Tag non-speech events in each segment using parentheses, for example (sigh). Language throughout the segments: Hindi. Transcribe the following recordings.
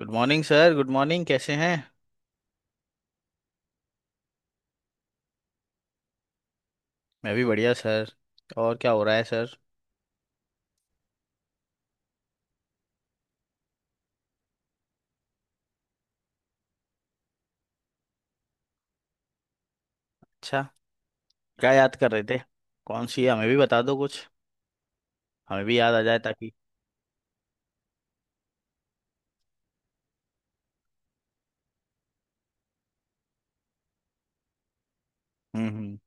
Good morning sir. Good morning, कैसे हैं? मैं भी बढ़िया सर। और क्या हो रहा है सर? अच्छा, क्या याद कर रहे थे? कौन सी है, हमें भी बता दो कुछ। हमें भी याद आ जाए ताकि। हम्म।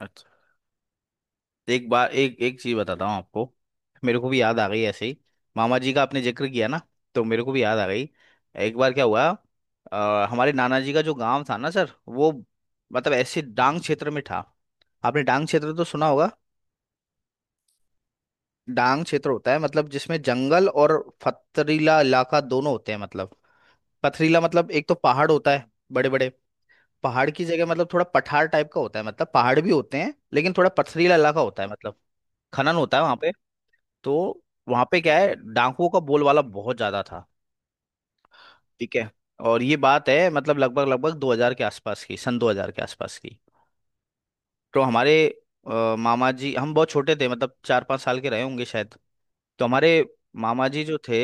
अच्छा। एक बार, एक एक चीज़ बताता हूँ आपको। मेरे को भी याद आ गई ऐसे ही। मामा जी का आपने जिक्र किया ना, तो मेरे को भी याद आ गई। एक बार क्या हुआ, हमारे नाना जी का जो गांव था ना सर, वो मतलब ऐसे डांग क्षेत्र में था। आपने डांग क्षेत्र तो सुना होगा। डांग क्षेत्र होता है मतलब जिसमें जंगल और पथरीला इलाका दोनों होते हैं। मतलब पथरीला मतलब एक तो पहाड़ होता है, बड़े बड़े पहाड़ की जगह। मतलब थोड़ा पठार टाइप का होता है। मतलब पहाड़ भी होते हैं, लेकिन थोड़ा पथरीला इलाका होता है, मतलब खनन होता है वहां पे। तो वहां पे क्या है, डाकुओं का बोलबाला बहुत ज्यादा था। ठीक है। और ये बात है मतलब लगभग लगभग 2000 के आसपास की, सन 2000 के आसपास की। तो हमारे मामा जी, हम बहुत छोटे थे, मतलब चार पाँच साल के रहे होंगे शायद। तो हमारे मामा जी जो थे,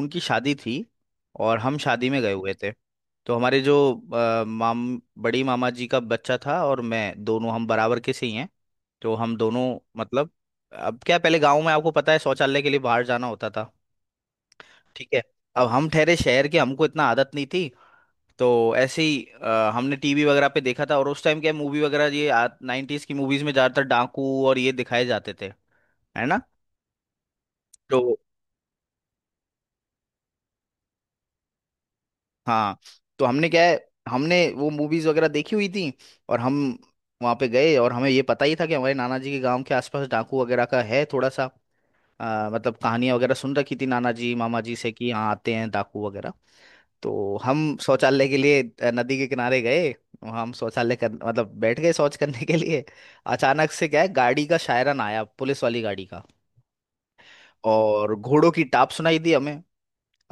उनकी शादी थी और हम शादी में गए हुए थे। तो हमारे जो अ, माम बड़ी मामा जी का बच्चा था और मैं, दोनों हम बराबर के से ही हैं। तो हम दोनों मतलब, अब क्या पहले गांव में आपको पता है शौचालय के लिए बाहर जाना होता था। ठीक है। अब हम ठहरे शहर के, हमको इतना आदत नहीं थी। तो ऐसे ही हमने टीवी वगैरह पे देखा था, और उस टाइम क्या मूवी वगैरह ये, नाइन्टीज की मूवीज में ज्यादातर डाकू और ये दिखाए जाते थे, है ना। तो हाँ, तो हमने क्या है, हमने वो मूवीज वगैरह देखी हुई थी। और हम वहाँ पे गए, और हमें ये पता ही था कि हमारे नाना जी के गांव के आसपास डाकू वगैरह का है थोड़ा सा। मतलब कहानियां वगैरह सुन रखी थी नाना जी मामा जी से कि यहाँ आते हैं डाकू वगैरह। तो हम शौचालय के लिए नदी के किनारे गए। वहाँ हम शौचालय कर मतलब बैठ गए शौच करने के लिए। अचानक से क्या है, गाड़ी का शायरन आया, पुलिस वाली गाड़ी का। और घोड़ों की टाप सुनाई दी हमें।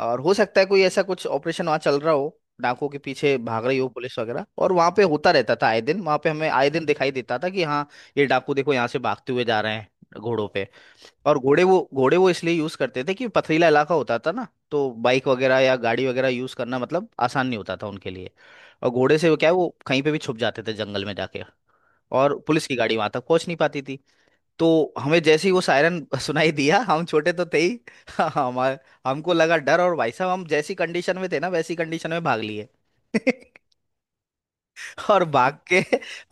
और हो सकता है कोई ऐसा कुछ ऑपरेशन वहाँ चल रहा हो, डाकुओं के पीछे भाग रही हो पुलिस वगैरह। और वहाँ पे होता रहता था आए दिन, वहाँ पे हमें आए दिन दिखाई देता था कि हाँ, ये डाकू देखो यहाँ से भागते हुए जा रहे हैं घोड़ों पे। और घोड़े वो, घोड़े वो इसलिए यूज करते थे कि पथरीला इलाका होता था ना, तो बाइक वगैरह या गाड़ी वगैरह यूज करना मतलब आसान नहीं होता था उनके लिए। और घोड़े से वो क्या है, वो कहीं पे भी छुप जाते थे जंगल में जाके। और पुलिस की गाड़ी वहां तक पहुंच नहीं पाती थी। तो हमें जैसे ही वो सायरन (laughs) सुनाई दिया, हम छोटे तो थे ही। (laughs) हमारे, हमको लगा डर, और भाई साहब हम जैसी कंडीशन में थे ना, वैसी कंडीशन में भाग लिए। (laughs) और भाग के,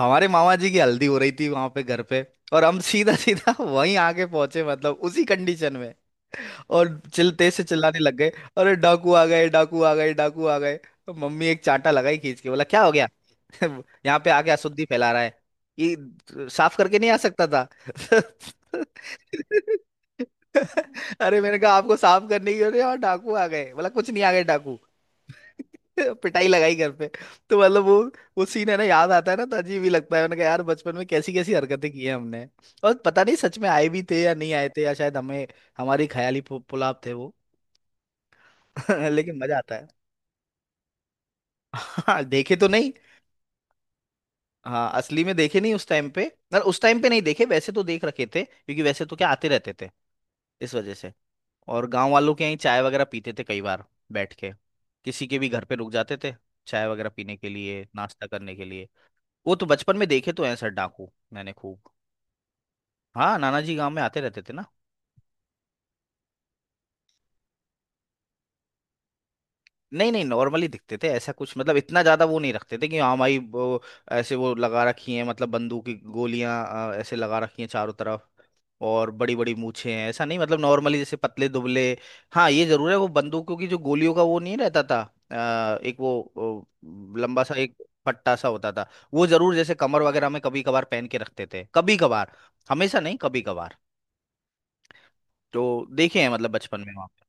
हमारे मामा जी की हल्दी हो रही थी वहां पे घर पे, और हम सीधा सीधा (laughs) वहीं आके पहुंचे मतलब उसी कंडीशन में। और चिल तेज से चिल्लाने लग गए, अरे डाकू आ गए, डाकू आ गए, डाकू आ गए। तो मम्मी एक चांटा लगाई खींच के, बोला क्या हो गया, (laughs) यहाँ पे आके अशुद्धि फैला रहा है। ये साफ करके नहीं आ सकता था? (laughs) अरे मैंने कहा आपको, साफ करने की, अरे यार डाकू आ गए। बोला कुछ नहीं आ गए डाकू। (laughs) पिटाई लगाई घर पे। तो मतलब वो सीन है ना याद आता है ना, तो अजीब ही लगता है। मैंने कहा यार बचपन में कैसी कैसी हरकतें की हैं हमने। और पता नहीं सच में आए भी थे या नहीं आए थे, या शायद हमें, हमारी ख्याली पुलाव थे वो। (laughs) लेकिन मजा आता है। हाँ देखे तो नहीं। हाँ असली में देखे नहीं उस टाइम पे। ना उस टाइम पे नहीं देखे, वैसे तो देख रखे थे क्योंकि वैसे तो क्या आते रहते थे इस वजह से। और गांव वालों के यहीं चाय वगैरह पीते थे कई बार, बैठ के, किसी के भी घर पे रुक जाते थे, चाय वगैरह पीने के लिए, नाश्ता करने के लिए। वो तो बचपन में देखे तो हैं सर डाकू, मैंने खूब। हाँ नाना जी गांव में आते रहते थे ना। नहीं नहीं, नॉर्मली दिखते थे। ऐसा कुछ मतलब इतना ज्यादा वो नहीं रखते थे कि हाँ भाई, वो ऐसे वो लगा रखी हैं मतलब बंदूक की गोलियां ऐसे लगा रखी हैं चारों तरफ, और बड़ी बड़ी मूछें हैं ऐसा नहीं। मतलब नॉर्मली जैसे पतले दुबले। हाँ ये जरूर है, वो बंदूकों की जो गोलियों का वो नहीं रहता था। एक वो, लंबा सा एक पट्टा सा होता था। वो जरूर जैसे कमर वगैरह में कभी कभार पहन के रखते थे, कभी कभार, हमेशा नहीं कभी कभार। तो देखे हैं मतलब बचपन में वहाँ पे।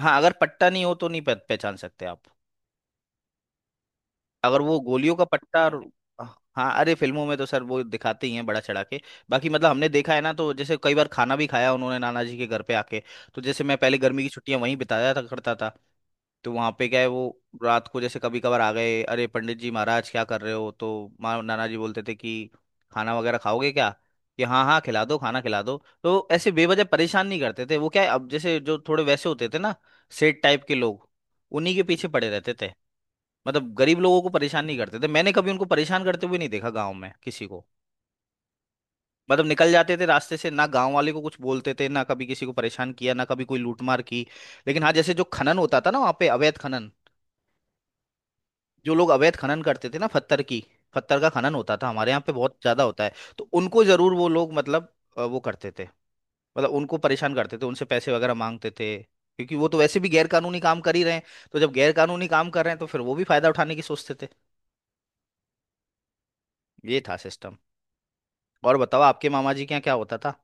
हाँ अगर पट्टा नहीं हो तो नहीं पहचान सकते आप। अगर वो गोलियों का पट्टा और- हाँ अरे फिल्मों में तो सर वो दिखाते ही हैं बड़ा चढ़ा के। बाकी मतलब हमने देखा है ना, तो जैसे कई बार खाना भी खाया उन्होंने नाना जी के घर पे आके। तो जैसे मैं पहले गर्मी की छुट्टियां वहीं बिताया था करता था। तो वहां पे क्या है वो, रात को जैसे कभी कभार आ गए, अरे पंडित जी महाराज क्या कर रहे हो। तो माँ नाना जी बोलते थे कि खाना वगैरह खाओगे क्या? कि हाँ हाँ खिला दो, खाना खिला दो। तो ऐसे बेवजह परेशान नहीं करते थे। वो क्या है, अब जैसे जो थोड़े वैसे होते थे ना, सेठ टाइप के लोग, उन्हीं के पीछे पड़े रहते थे। मतलब गरीब लोगों को परेशान नहीं करते थे। मैंने कभी उनको परेशान करते हुए नहीं देखा गांव में किसी को। मतलब निकल जाते थे रास्ते से, ना गांव वाले को कुछ बोलते थे, ना कभी किसी को परेशान किया, ना कभी कोई लूटमार की। लेकिन हाँ, जैसे जो खनन होता था ना वहाँ पे, अवैध खनन, जो लोग अवैध खनन करते थे ना, पत्थर की, पत्थर का खनन होता था हमारे यहाँ पे बहुत ज्यादा होता है। तो उनको जरूर वो लोग मतलब वो करते थे, मतलब उनको परेशान करते थे, उनसे पैसे वगैरह मांगते थे। क्योंकि वो तो वैसे भी गैर कानूनी काम कर ही रहे हैं, तो जब गैर कानूनी काम कर रहे हैं तो फिर वो भी फायदा उठाने की सोचते थे। ये था सिस्टम। और बताओ आपके मामा जी के यहाँ क्या होता था?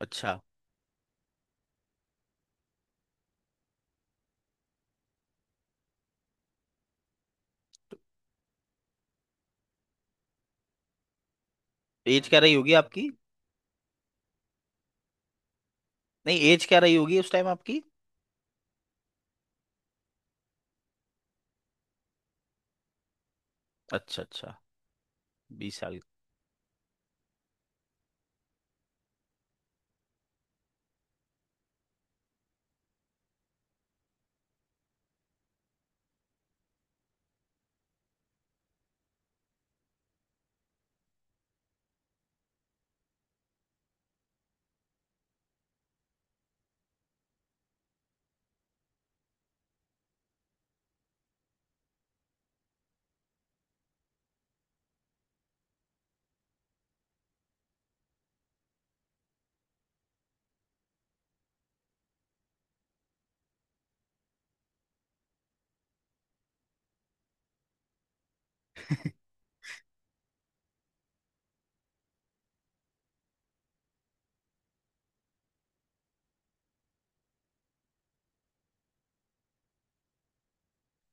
अच्छा, एज क्या रही होगी आपकी? नहीं एज क्या रही होगी उस टाइम आपकी? अच्छा अच्छा, बीस साल।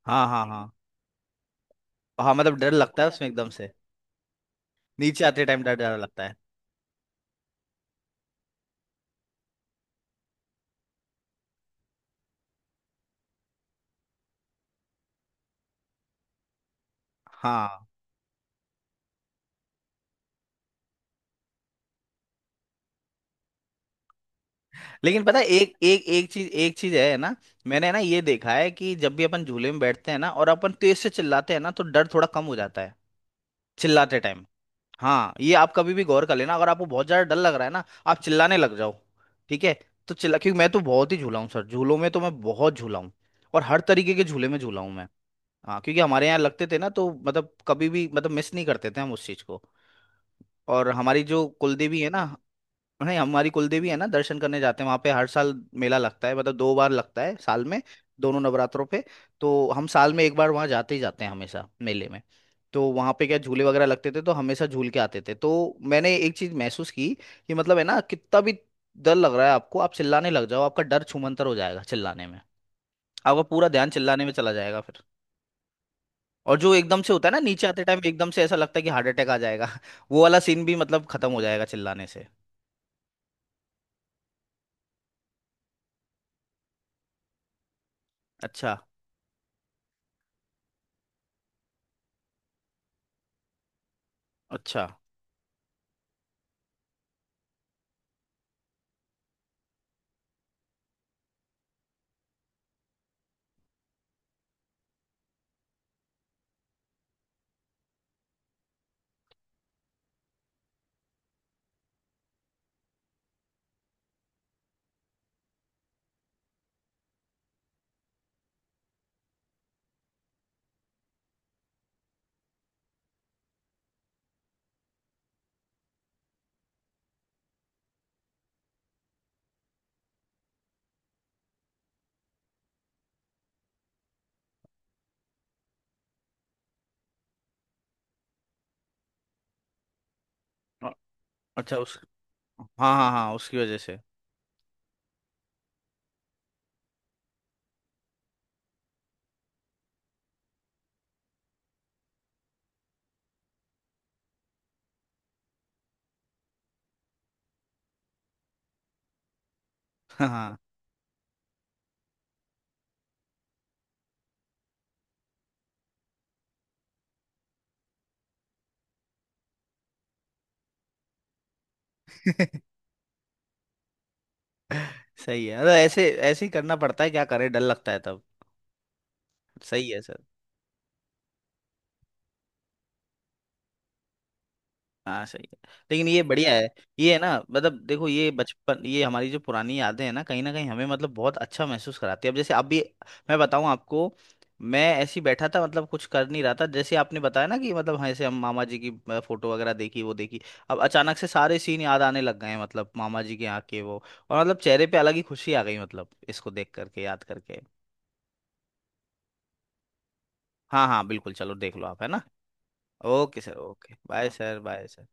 हाँ हाँ हाँ। हाँ मतलब डर लगता है उसमें एकदम से। नीचे आते टाइम डर, डर लगता है। हाँ। लेकिन पता है एक एक एक चीज, एक चीज है ना, मैंने ना ये देखा है कि जब भी अपन झूले में बैठते हैं ना और अपन तेज से चिल्लाते हैं ना, तो डर थोड़ा कम हो जाता है चिल्लाते टाइम। हाँ ये आप कभी भी गौर कर लेना, अगर आपको बहुत ज्यादा डर लग रहा है ना, आप चिल्लाने लग जाओ। ठीक है। तो चिल्ला, क्योंकि मैं तो बहुत ही झूला हूँ सर, झूलों में तो मैं बहुत झूला हूँ। और हर तरीके के झूले में झूला हूँ मैं। हाँ क्योंकि हमारे यहाँ लगते थे ना, तो मतलब कभी भी मतलब मिस नहीं करते थे हम उस चीज को। और हमारी जो कुलदेवी है ना, नहीं, हमारी कुलदेवी है ना, दर्शन करने जाते हैं वहां पे हर साल। मेला लगता है, मतलब दो बार लगता है साल में, दोनों नवरात्रों पे। तो हम साल में एक बार वहां जाते ही जाते हैं हमेशा मेले में। तो वहां पे क्या, झूले वगैरह लगते थे, तो हमेशा झूल के आते थे। तो मैंने एक चीज महसूस की कि मतलब है ना, कितना भी डर लग रहा है आपको, आप चिल्लाने लग जाओ, आपका डर छूमंतर हो जाएगा चिल्लाने में। आपका पूरा ध्यान चिल्लाने में चला जाएगा फिर। और जो एकदम से होता है ना नीचे आते टाइम, एकदम से ऐसा लगता है कि हार्ट अटैक आ जाएगा, (laughs) वो वाला सीन भी मतलब खत्म हो जाएगा चिल्लाने से। अच्छा अच्छा अ- अच्छा उस, हाँ हाँ हाँ, उसकी वजह से। (laughs) हाँ हाँ, सही है। अरे ऐसे ऐसे ही करना पड़ता है, क्या करें डर लगता है तब। सही है सर। हाँ सही है। लेकिन ये बढ़िया है। ये है ना, मतलब देखो, ये बचपन, ये हमारी जो पुरानी यादें हैं ना, कहीं ना कहीं हमें मतलब बहुत अच्छा महसूस कराती है। अब जैसे अभी मैं बताऊँ आपको, मैं ऐसे ही बैठा था, मतलब कुछ कर नहीं रहा था, जैसे आपने बताया ना कि मतलब हाँ, ऐसे हम मामा जी की फोटो वगैरह देखी वो देखी, अब अचानक से सारे सीन याद आने लग गए हैं, मतलब मामा जी के यहाँ के वो। और मतलब चेहरे पे अलग ही खुशी आ गई, मतलब इसको देख करके, याद करके। हाँ हाँ बिल्कुल, चलो देख लो आप है ना। Okay sir, okay, bye sir, bye sir.